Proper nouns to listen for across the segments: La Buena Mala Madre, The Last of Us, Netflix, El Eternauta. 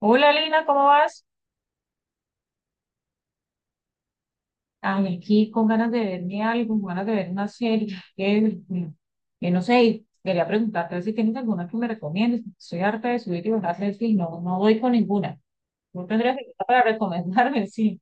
Hola Lina, ¿cómo vas? Ay, aquí con ganas de verme algo, con ganas de ver una serie. Que no sé, y quería preguntarte si tienes alguna que me recomiendes. Soy harta de subir y bajar Netflix, no doy con ninguna. No tendrías que para recomendarme, sí.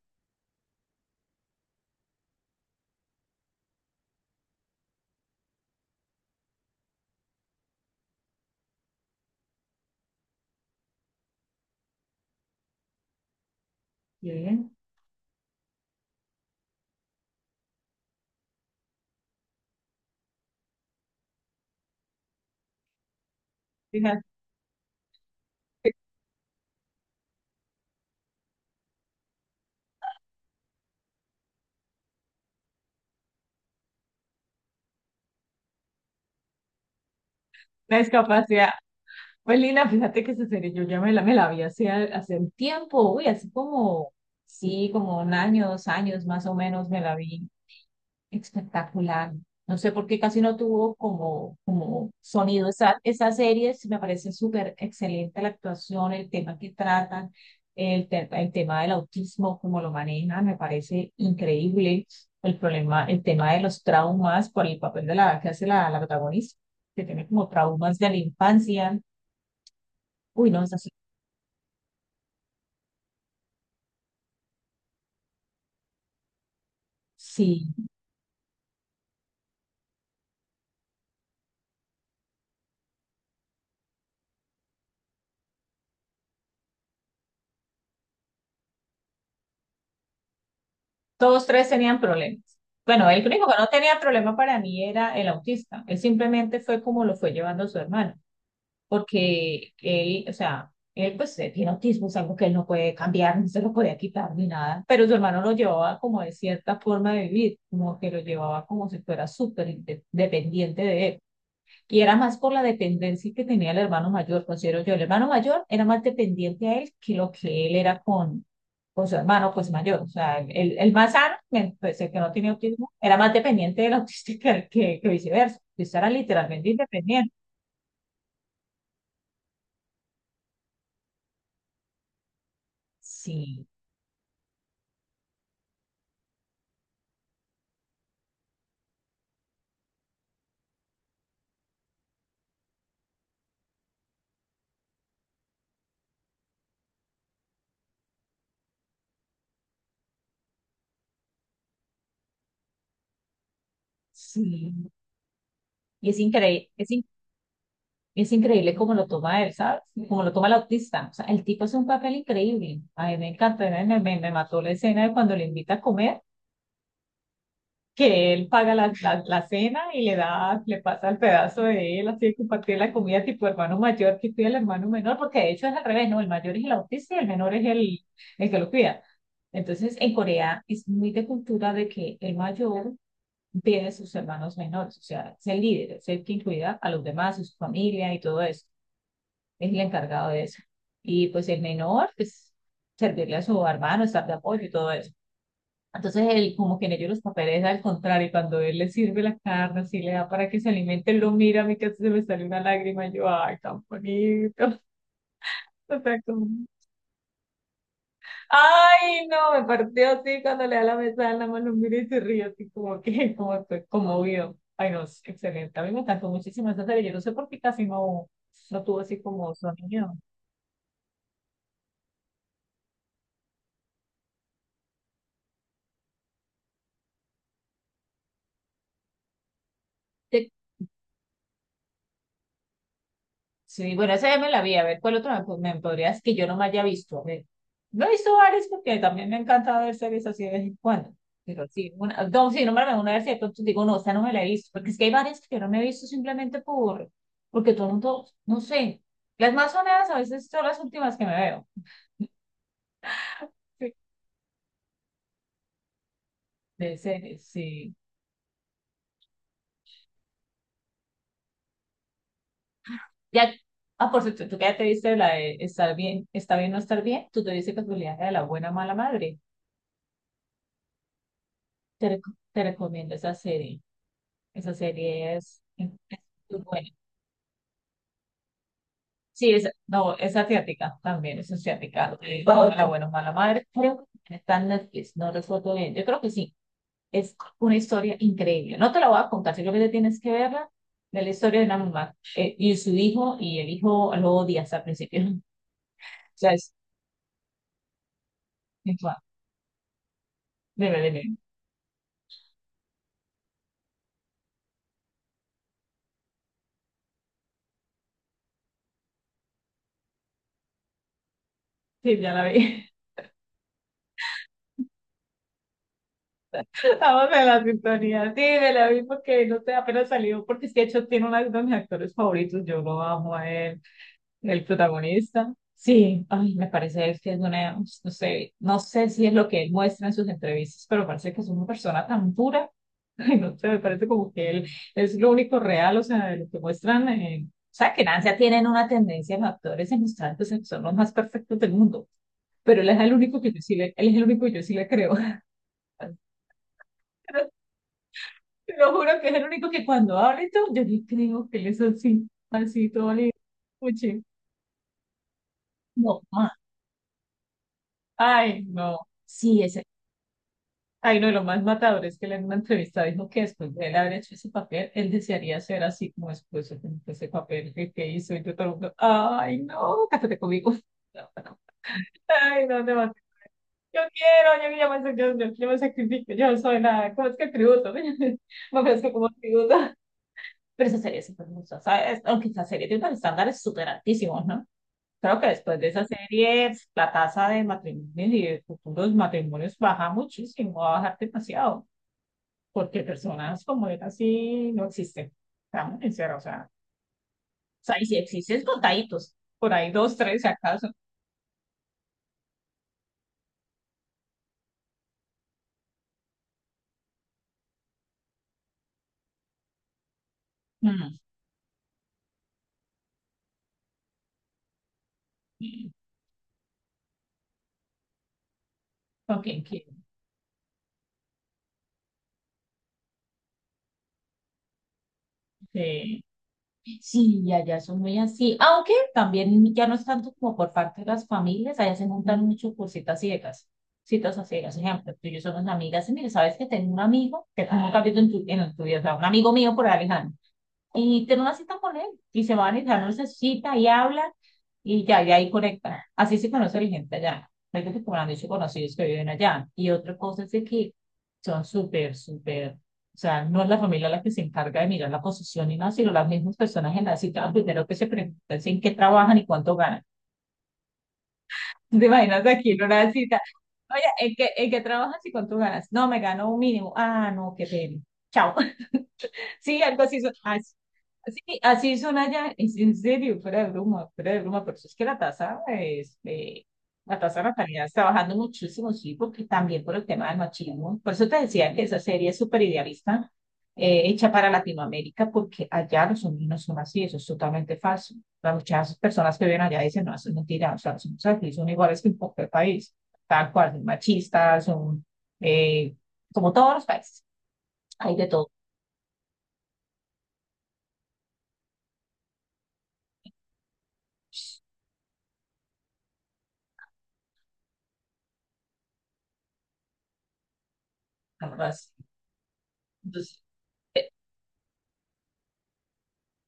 Bien. Fíjate, la discapacidad. Pues Lina, fíjate que esa serie yo ya me la vi hace un tiempo, uy, hace como, sí, como un año, dos años más o menos me la vi. Espectacular. No sé por qué casi no tuvo como sonido esa serie. Sí, me parece súper excelente la actuación, el tema que tratan, el tema del autismo, cómo lo manejan, me parece increíble. El problema, el tema de los traumas por el papel de la que hace la protagonista, que tiene como traumas de la infancia. Uy, no, es así. Sí, todos tres tenían problemas. Bueno, el único que no tenía problema para mí era el autista. Él simplemente fue como lo fue llevando su hermano. Porque él, o sea, él pues tiene autismo, es algo que él no puede cambiar, no se lo podía quitar ni nada, pero su hermano lo llevaba como de cierta forma de vivir, como que lo llevaba como si fuera súper dependiente de él. Y era más por la dependencia que tenía el hermano mayor, considero yo. El hermano mayor era más dependiente a él que lo que él era con su hermano, pues mayor. O sea, el más sano, pues, el que no tiene autismo, era más dependiente del autista que viceversa. Ellos eran literalmente independientes. Sí, sí. Y es increíble, es increíble cómo lo toma él, ¿sabes? Cómo lo toma el autista. O sea, el tipo hace un papel increíble. A mí me encantó, me mató la escena de cuando le invita a comer, que él paga la, la cena y le pasa el pedazo de él, así de compartir la comida tipo hermano mayor que cuida al hermano menor, porque de hecho es al revés, ¿no? El mayor es el autista y el menor es el que lo cuida. Entonces, en Corea es muy de cultura de que el mayor pide sus hermanos menores, o sea, es el líder, es el que incluirá a los demás, a su familia y todo eso, es el encargado de eso. Y pues el menor, pues servirle a su hermano, estar de apoyo y todo eso. Entonces, él, como que en ellos los papeles al contrario, cuando él le sirve la carne, así le da para que se alimente, él lo mira, a mí casi se me sale una lágrima, y yo, ay, tan bonito. O sea, como. Ay, no, me partió así cuando le da la mesa, nada más lo miro y se ríe así como que conmovido. Ay, no, es excelente. A mí me encantó muchísimo esa serie. Yo no sé por qué casi no tuvo así como sonido. Sí, bueno, esa ya me la vi. A ver, ¿cuál otro me podrías que yo no me haya visto? A ver, no he visto varias porque también me encanta ver series así de vez en cuando. Pero sí, una, no, sí, nómbrame una, a ver si de pronto digo, no, esta no me la he visto. Porque es que hay varias que yo no me he visto simplemente porque todo el mundo, no sé. Las más sonadas a veces son las últimas que me veo. Sí. De series, sí. Ya, ah, por cierto, tú que ya te viste la de Estar bien, está bien no estar bien, ¿tú te viste casualidad la de La Buena Mala Madre? Te recomiendo esa serie. Esa serie es muy buena. Sí, es, no, es asiática también, es asiática. La buena, bueno, mala madre. Creo que está en Netflix, no recuerdo bien. Yo creo que sí. Es una historia increíble. No te la voy a contar, sino que te tienes que verla de la historia de una mamá y su hijo, y el hijo lo odia hasta el principio. O sea, es guau. Dime, dime. Sí, ya la vi. Estamos en la sintonía. Sí, me la vi porque no sé, apenas salió, porque es que de hecho tiene uno de mis actores favoritos. Yo lo amo a él. El protagonista. Sí, ay, me parece es que es una, no sé si es lo que él muestra en sus entrevistas, pero parece que es una persona tan pura. Ay, no sé, me parece como que él es lo único real, o sea, de lo que muestran. O sea, que en Asia tienen una tendencia los actores en mostrar pues, que son los más perfectos del mundo, pero él es el único que yo sí le, él es el único que yo sí le creo. Pero te lo juro que es el único que cuando habla y todo, yo le creo que él es así, así todo le escuche. No, ay, no. Sí, ese. Ay, no, y lo más matador es que él en una entrevista dijo que después de él haber hecho ese papel, él desearía ser así como después de ese papel que hizo. Y yo todo el mundo, ay, no, cásate conmigo. No, no. Ay, no, no, yo quiero, yo me sacrifico, yo no soy nada, ¿cómo es que tributo? Me ofrezco como tributo. Pero esa serie es súper hermosa, ¿sabes? Aunque esa serie tiene unos estándares súper altísimos, ¿no? Creo que después de esa serie, pues, la tasa de matrimonios y de futuros matrimonios baja muchísimo, va a bajar demasiado, porque personas como él así no existen. Estamos sinceros, o sea, y si existen contaditos, por ahí dos, tres si acaso. Mm, ¿Con quién quiere? Sí, y allá son muy así, aunque también ya no es tanto como por parte de las familias, allá se montan mucho por citas ciegas, citas a ciegas, ejemplo, tú y yo somos amigas, y mire, sabes que tengo un amigo, que tú nunca has visto en tu vida, o sea, un amigo mío por Alejandro, y ten una cita con él y se van y dan una cita y hablan y ya, y ahí conectan. Así se conoce la gente allá. No que como han dicho conocidos que viven allá. Y otra cosa es de que son súper, súper, o sea, no es la familia la que se encarga de mirar la posición ni nada, sino las mismas personas en la cita, lo primero que se preguntan es en qué trabajan y cuánto ganan. ¿Te imaginas aquí en una cita? Oye, ¿en qué trabajas y cuánto ganas? No, me gano un mínimo. Ah, no, qué pena. Chao. Sí, algo así son, así, sí, sí, así son allá, es en serio, fuera de broma, pero eso es que la tasa la tasa de natalidad está bajando muchísimo, sí, porque también por el tema del machismo. Por eso te decía que esa serie es súper idealista, hecha para Latinoamérica, porque allá los hombres no son así, eso es totalmente falso. Las muchas personas que viven allá dicen, no, eso es mentira, o sea, los hombres aquí son iguales que en cualquier país, tal cual, son machistas, eh, como todos los países, hay de todo. Ahora, Entonces, eh,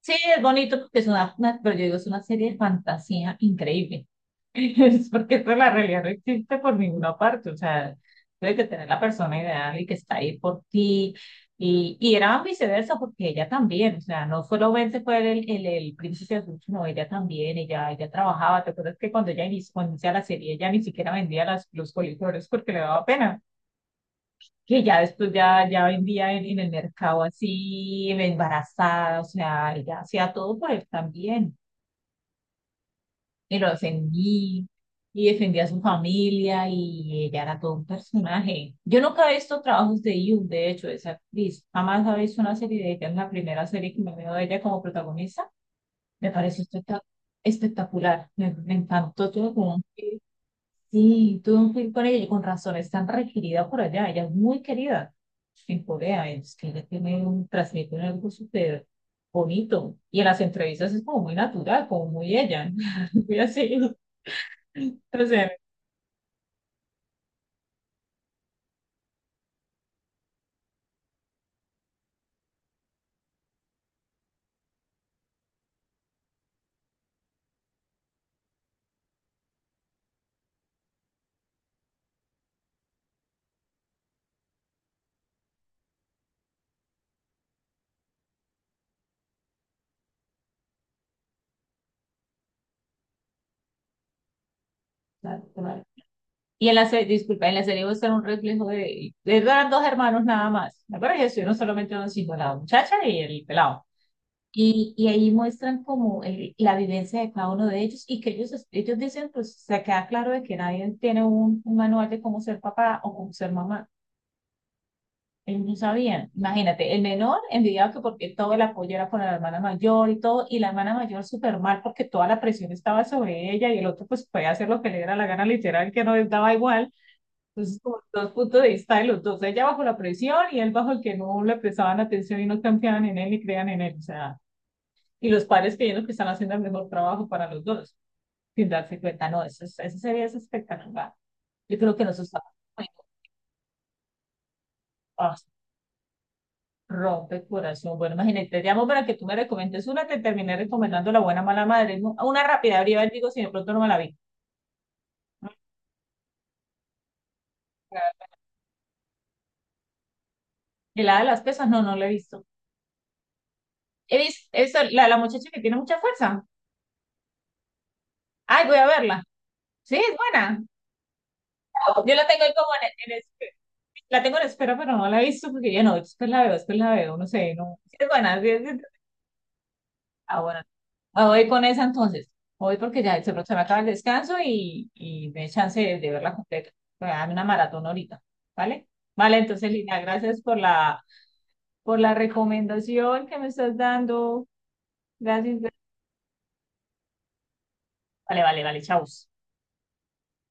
sí, es bonito porque es una, pero yo digo, es una serie de fantasía increíble. Es porque esto, la realidad no existe por ninguna parte. O sea, tienes que tener la persona ideal y que está ahí por ti. Y era viceversa porque ella también, o sea, no solo solamente fue el, el príncipe azul, sino ella también, ella trabajaba. ¿Te acuerdas que cuando ella inició, cuando inicia la serie, ella ni siquiera vendía los coliflores porque le daba pena? Que ya después ya vendía en el mercado así, embarazada, o sea, ella hacía todo por él también. Y lo defendí y defendía a su familia y ella era todo un personaje. Yo nunca he visto trabajos de You, de hecho, de esa actriz. Jamás he visto una serie de ella, es la primera serie que me veo de ella como protagonista. Me pareció espectacular, me encantó todo. Sí, tuve un clip con ella y con razón es tan requerida por allá. Ella es muy querida en Corea. Es que ella tiene transmite un algo súper bonito. Y en las entrevistas es como muy natural, como muy ella. Muy así. O sea, natural. Y en la serie, disculpa, en la serie muestra un reflejo de, eran dos hermanos nada más. La verdad, ellos estuvieron solamente uno, sino la muchacha y el pelado. Y ahí muestran como la vivencia de cada uno de ellos y que ellos dicen, pues se queda claro de que nadie tiene un, manual de cómo ser papá o cómo ser mamá. Ellos no sabían. Imagínate, el menor envidiaba que porque todo el apoyo era con la hermana mayor y todo, y la hermana mayor súper mal porque toda la presión estaba sobre ella y el otro pues podía hacer lo que le diera la gana literal, que no les daba igual. Entonces, como dos puntos de vista de los dos, ella bajo la presión y él bajo el que no le prestaban atención y no confiaban en él ni creían en él. O sea, y los padres creyendo que están haciendo el mejor trabajo para los dos, sin darse cuenta, no, eso, eso sería espectacular. Yo creo que nos está bueno, ah, rompe el corazón. Bueno, imagínate, te llamo para que tú me recomiendes una, te terminé recomendando La Buena Mala Madre, ¿no? Una rápida, abría el digo si de pronto no me la vi. ¿El la de las pesas? No, no la he visto. He visto la muchacha que tiene mucha fuerza. Ay, voy a verla. Sí, es buena. Yo la tengo ahí como la tengo en espera, pero no la he visto porque ya no, después la veo, no sé, no. Sí, es buena, sí, sí. Ah, bueno, me voy con esa entonces. Voy porque ya se me acaba el descanso y me dé chance de verla completa. Voy a darme una maratón ahorita, ¿vale? Vale, entonces, Lina, gracias por la recomendación que me estás dando. Gracias. Vale, vale, vale, chao.